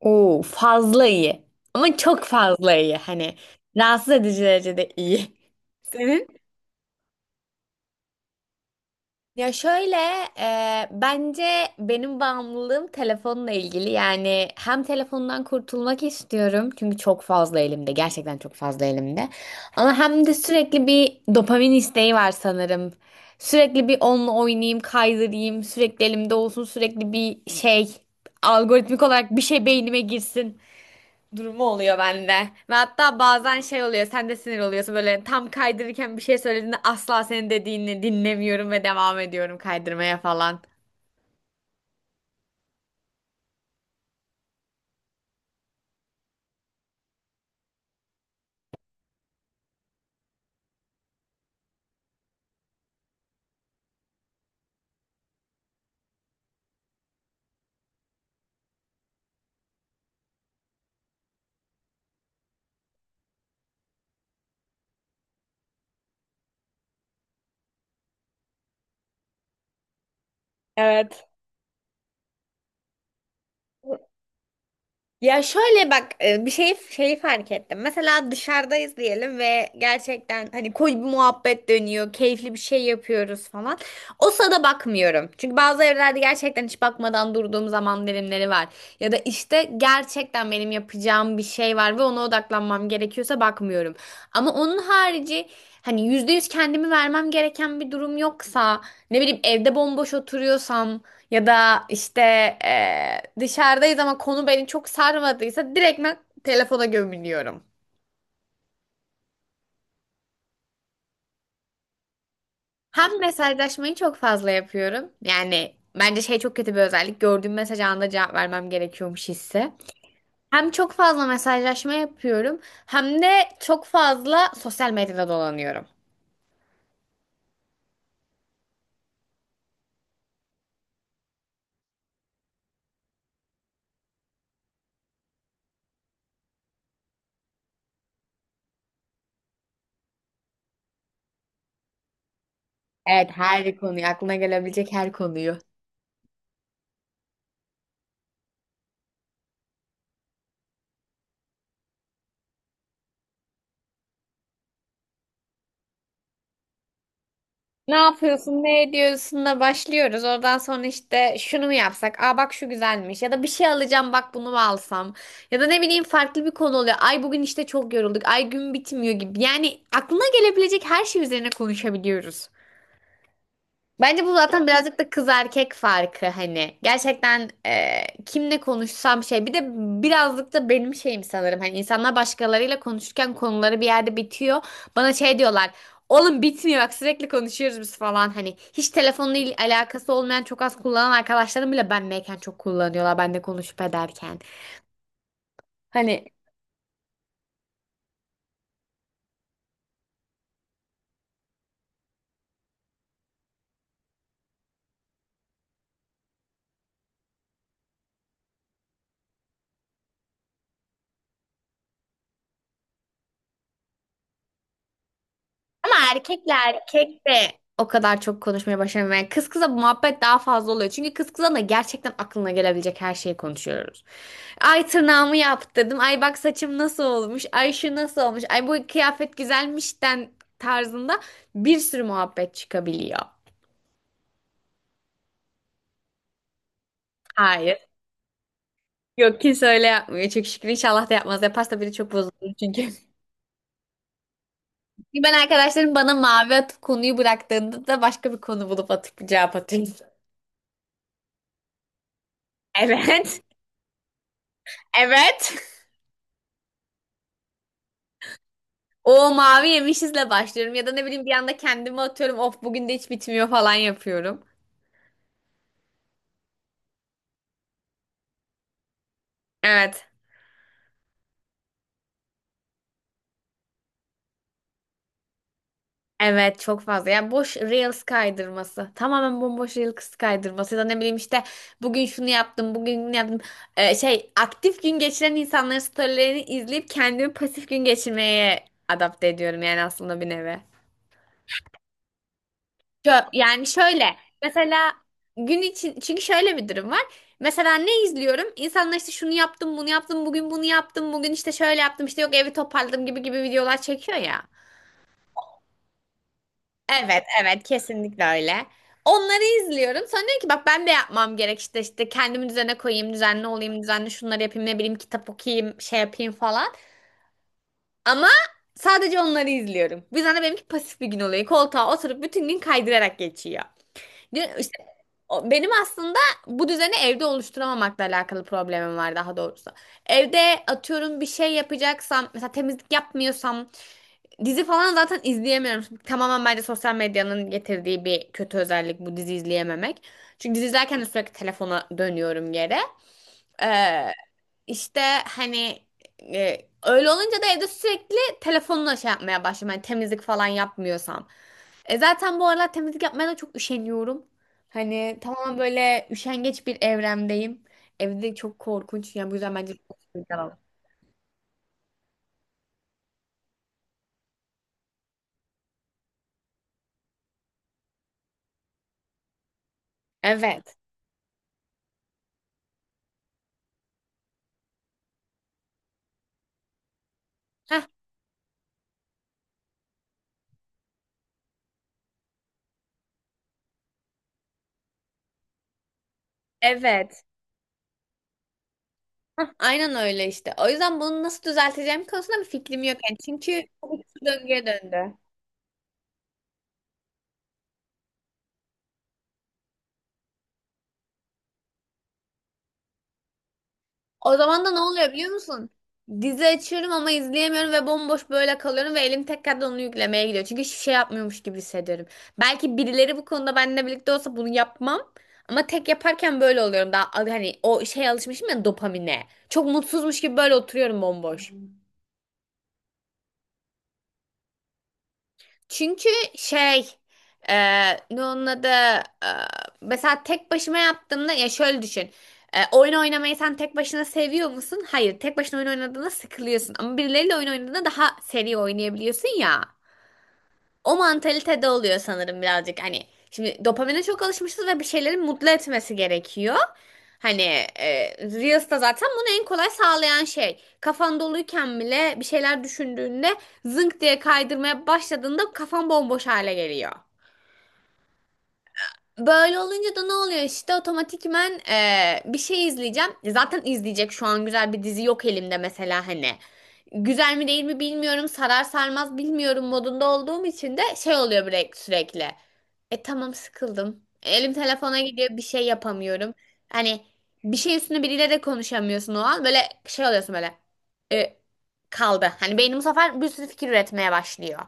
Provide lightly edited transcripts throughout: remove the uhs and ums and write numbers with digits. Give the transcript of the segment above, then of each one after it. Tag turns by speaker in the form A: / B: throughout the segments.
A: Oo, fazla iyi. Ama çok fazla iyi. Hani rahatsız edici derecede iyi. Senin? Ya şöyle bence benim bağımlılığım telefonla ilgili, yani hem telefondan kurtulmak istiyorum çünkü çok fazla elimde, gerçekten çok fazla elimde, ama hem de sürekli bir dopamin isteği var sanırım. Sürekli bir onunla oynayayım, kaydırayım, sürekli elimde olsun, sürekli bir şey algoritmik olarak bir şey beynime girsin durumu oluyor bende. Ve hatta bazen şey oluyor, sen de sinir oluyorsun böyle tam kaydırırken, bir şey söylediğinde asla senin dediğini dinlemiyorum ve devam ediyorum kaydırmaya falan. Evet. Ya şöyle bak bir şey şeyi fark ettim. Mesela dışarıdayız diyelim ve gerçekten hani koyu bir muhabbet dönüyor, keyifli bir şey yapıyoruz falan. O sırada bakmıyorum. Çünkü bazı evlerde gerçekten hiç bakmadan durduğum zaman dilimleri var. Ya da işte gerçekten benim yapacağım bir şey var ve ona odaklanmam gerekiyorsa bakmıyorum. Ama onun harici, hani %100 kendimi vermem gereken bir durum yoksa, ne bileyim evde bomboş oturuyorsam ya da işte dışarıdayız ama konu beni çok sarmadıysa, direkt ben telefona gömülüyorum. Hem mesajlaşmayı çok fazla yapıyorum. Yani bence şey çok kötü bir özellik. Gördüğüm mesaj anında cevap vermem gerekiyormuş hissi. Hem çok fazla mesajlaşma yapıyorum hem de çok fazla sosyal medyada dolanıyorum. Evet, her konuyu, aklına gelebilecek her konuyu. Ne yapıyorsun, ne ediyorsun da başlıyoruz. Oradan sonra işte şunu mu yapsak? Aa bak şu güzelmiş. Ya da bir şey alacağım, bak bunu mu alsam? Ya da ne bileyim farklı bir konu oluyor. Ay bugün işte çok yorulduk. Ay gün bitmiyor gibi. Yani aklına gelebilecek her şey üzerine konuşabiliyoruz. Bence bu zaten birazcık da kız erkek farkı hani. Gerçekten kimle konuşsam şey. Bir de birazcık da benim şeyim sanırım. Hani insanlar başkalarıyla konuşurken konuları bir yerde bitiyor. Bana şey diyorlar. Oğlum bitmiyor bak, sürekli konuşuyoruz biz falan. Hani hiç telefonla alakası olmayan, çok az kullanan arkadaşlarım bile benleyken çok kullanıyorlar. Ben de konuşup ederken. Hani ama erkekle erkek de o kadar çok konuşmaya başlamıyor. Yani kız kıza bu muhabbet daha fazla oluyor. Çünkü kız kıza da gerçekten aklına gelebilecek her şeyi konuşuyoruz. Ay tırnağımı yaptırdım. Ay bak saçım nasıl olmuş. Ay şu nasıl olmuş. Ay bu kıyafet güzelmişten tarzında bir sürü muhabbet çıkabiliyor. Hayır. Yok, kimse öyle yapmıyor. Çok şükür, inşallah da yapmaz. Yaparsa biri çok bozulur çünkü. Ben arkadaşlarım bana mavi atıp konuyu bıraktığında da başka bir konu bulup atıp cevap atıyorum. Evet. Evet. O mavi yemişizle başlıyorum ya da ne bileyim bir anda kendime atıyorum. Of bugün de hiç bitmiyor falan yapıyorum. Evet. Evet, çok fazla. Yani boş reels kaydırması. Tamamen bomboş reels kaydırması. Ya da ne bileyim işte bugün şunu yaptım, bugün bunu yaptım. Şey, aktif gün geçiren insanların storylerini izleyip kendimi pasif gün geçirmeye adapte ediyorum yani aslında bir nevi. Yani şöyle, mesela gün için, çünkü şöyle bir durum var. Mesela ne izliyorum? İnsanlar işte şunu yaptım, bunu yaptım, bugün bunu yaptım, bugün işte şöyle yaptım, işte yok evi toparladım gibi gibi videolar çekiyor ya. Evet, evet, kesinlikle öyle. Onları izliyorum. Sonra diyorum ki bak, ben de yapmam gerek, işte işte kendimi düzene koyayım, düzenli olayım, düzenli şunları yapayım, ne bileyim kitap okuyayım, şey yapayım falan. Ama sadece onları izliyorum. Bu yüzden de benimki pasif bir gün oluyor. Koltuğa oturup bütün gün kaydırarak geçiyor. İşte benim aslında bu düzeni evde oluşturamamakla alakalı problemim var daha doğrusu. Evde, atıyorum, bir şey yapacaksam, mesela temizlik yapmıyorsam, dizi falan zaten izleyemiyorum. Tamamen bence sosyal medyanın getirdiği bir kötü özellik bu, dizi izleyememek. Çünkü dizi izlerken de sürekli telefona dönüyorum yere. Ee, işte hani öyle olunca da evde sürekli telefonla şey yapmaya başlıyorum. Hani temizlik falan yapmıyorsam. E zaten bu aralar temizlik yapmaya da çok üşeniyorum. Hani tamamen böyle üşengeç bir evremdeyim. Evde çok korkunç. Yani bu yüzden bence çok temizlik alalım. Evet. Heh, evet. Hah, aynen öyle işte. O yüzden bunu nasıl düzelteceğim konusunda bir fikrim yok yani. Çünkü bu bir döngüye döndü. O zaman da ne oluyor biliyor musun? Dizi açıyorum ama izleyemiyorum ve bomboş böyle kalıyorum ve elim tekrardan onu yüklemeye gidiyor. Çünkü hiçbir şey yapmıyormuş gibi hissediyorum. Belki birileri bu konuda benimle birlikte olsa bunu yapmam. Ama tek yaparken böyle oluyorum. Daha hani o şeye alışmışım ya, dopamine. Çok mutsuzmuş gibi böyle oturuyorum bomboş. Çünkü şey, e, ne onun adı, mesela tek başıma yaptığımda, ya şöyle düşün. Oyun oynamayı sen tek başına seviyor musun? Hayır. Tek başına oyun oynadığında sıkılıyorsun. Ama birileriyle oyun oynadığında daha seri oynayabiliyorsun ya. O mantalitede oluyor sanırım birazcık hani. Şimdi dopamine çok alışmışız ve bir şeyleri mutlu etmesi gerekiyor. Hani Reels da zaten bunu en kolay sağlayan şey. Kafan doluyken bile bir şeyler düşündüğünde zınk diye kaydırmaya başladığında kafan bomboş hale geliyor. Böyle olunca da ne oluyor işte, otomatikmen bir şey izleyeceğim. Zaten izleyecek şu an güzel bir dizi yok elimde mesela hani. Güzel mi değil mi bilmiyorum, sarar sarmaz bilmiyorum modunda olduğum için de şey oluyor sürekli. E tamam, sıkıldım. Elim telefona gidiyor, bir şey yapamıyorum. Hani bir şey üstüne biriyle de konuşamıyorsun o an, böyle şey oluyorsun böyle. E, Kaldı. Hani beynim bu sefer bir sürü fikir üretmeye başlıyor.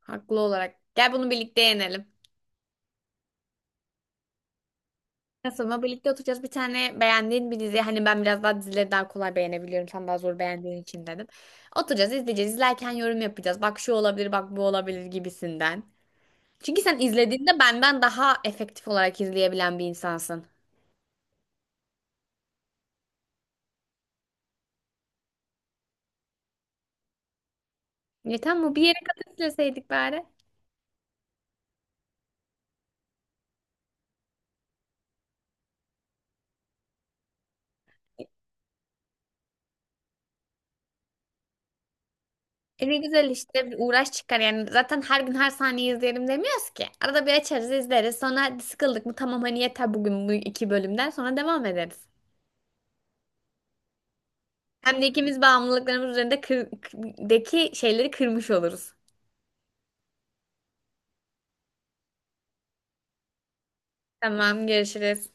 A: Haklı olarak. Gel bunu birlikte yenelim. Sonra birlikte oturacağız. Bir tane beğendiğin bir dizi. Hani ben biraz daha dizileri daha kolay beğenebiliyorum. Sen daha zor beğendiğin için dedim. Oturacağız, izleyeceğiz. İzlerken yorum yapacağız. Bak şu olabilir, bak bu olabilir gibisinden. Çünkü sen izlediğinde benden daha efektif olarak izleyebilen bir insansın. Ya tamam, bir yere kadar izleseydik bari. E ne güzel işte, bir uğraş çıkar yani, zaten her gün her saniye izleyelim demiyoruz ki. Arada bir açarız, izleriz, sonra sıkıldık mı tamam, hani yeter bugün, bu iki bölümden sonra devam ederiz. Hem de ikimiz bağımlılıklarımız üzerinde deki şeyleri kırmış oluruz. Tamam, görüşürüz.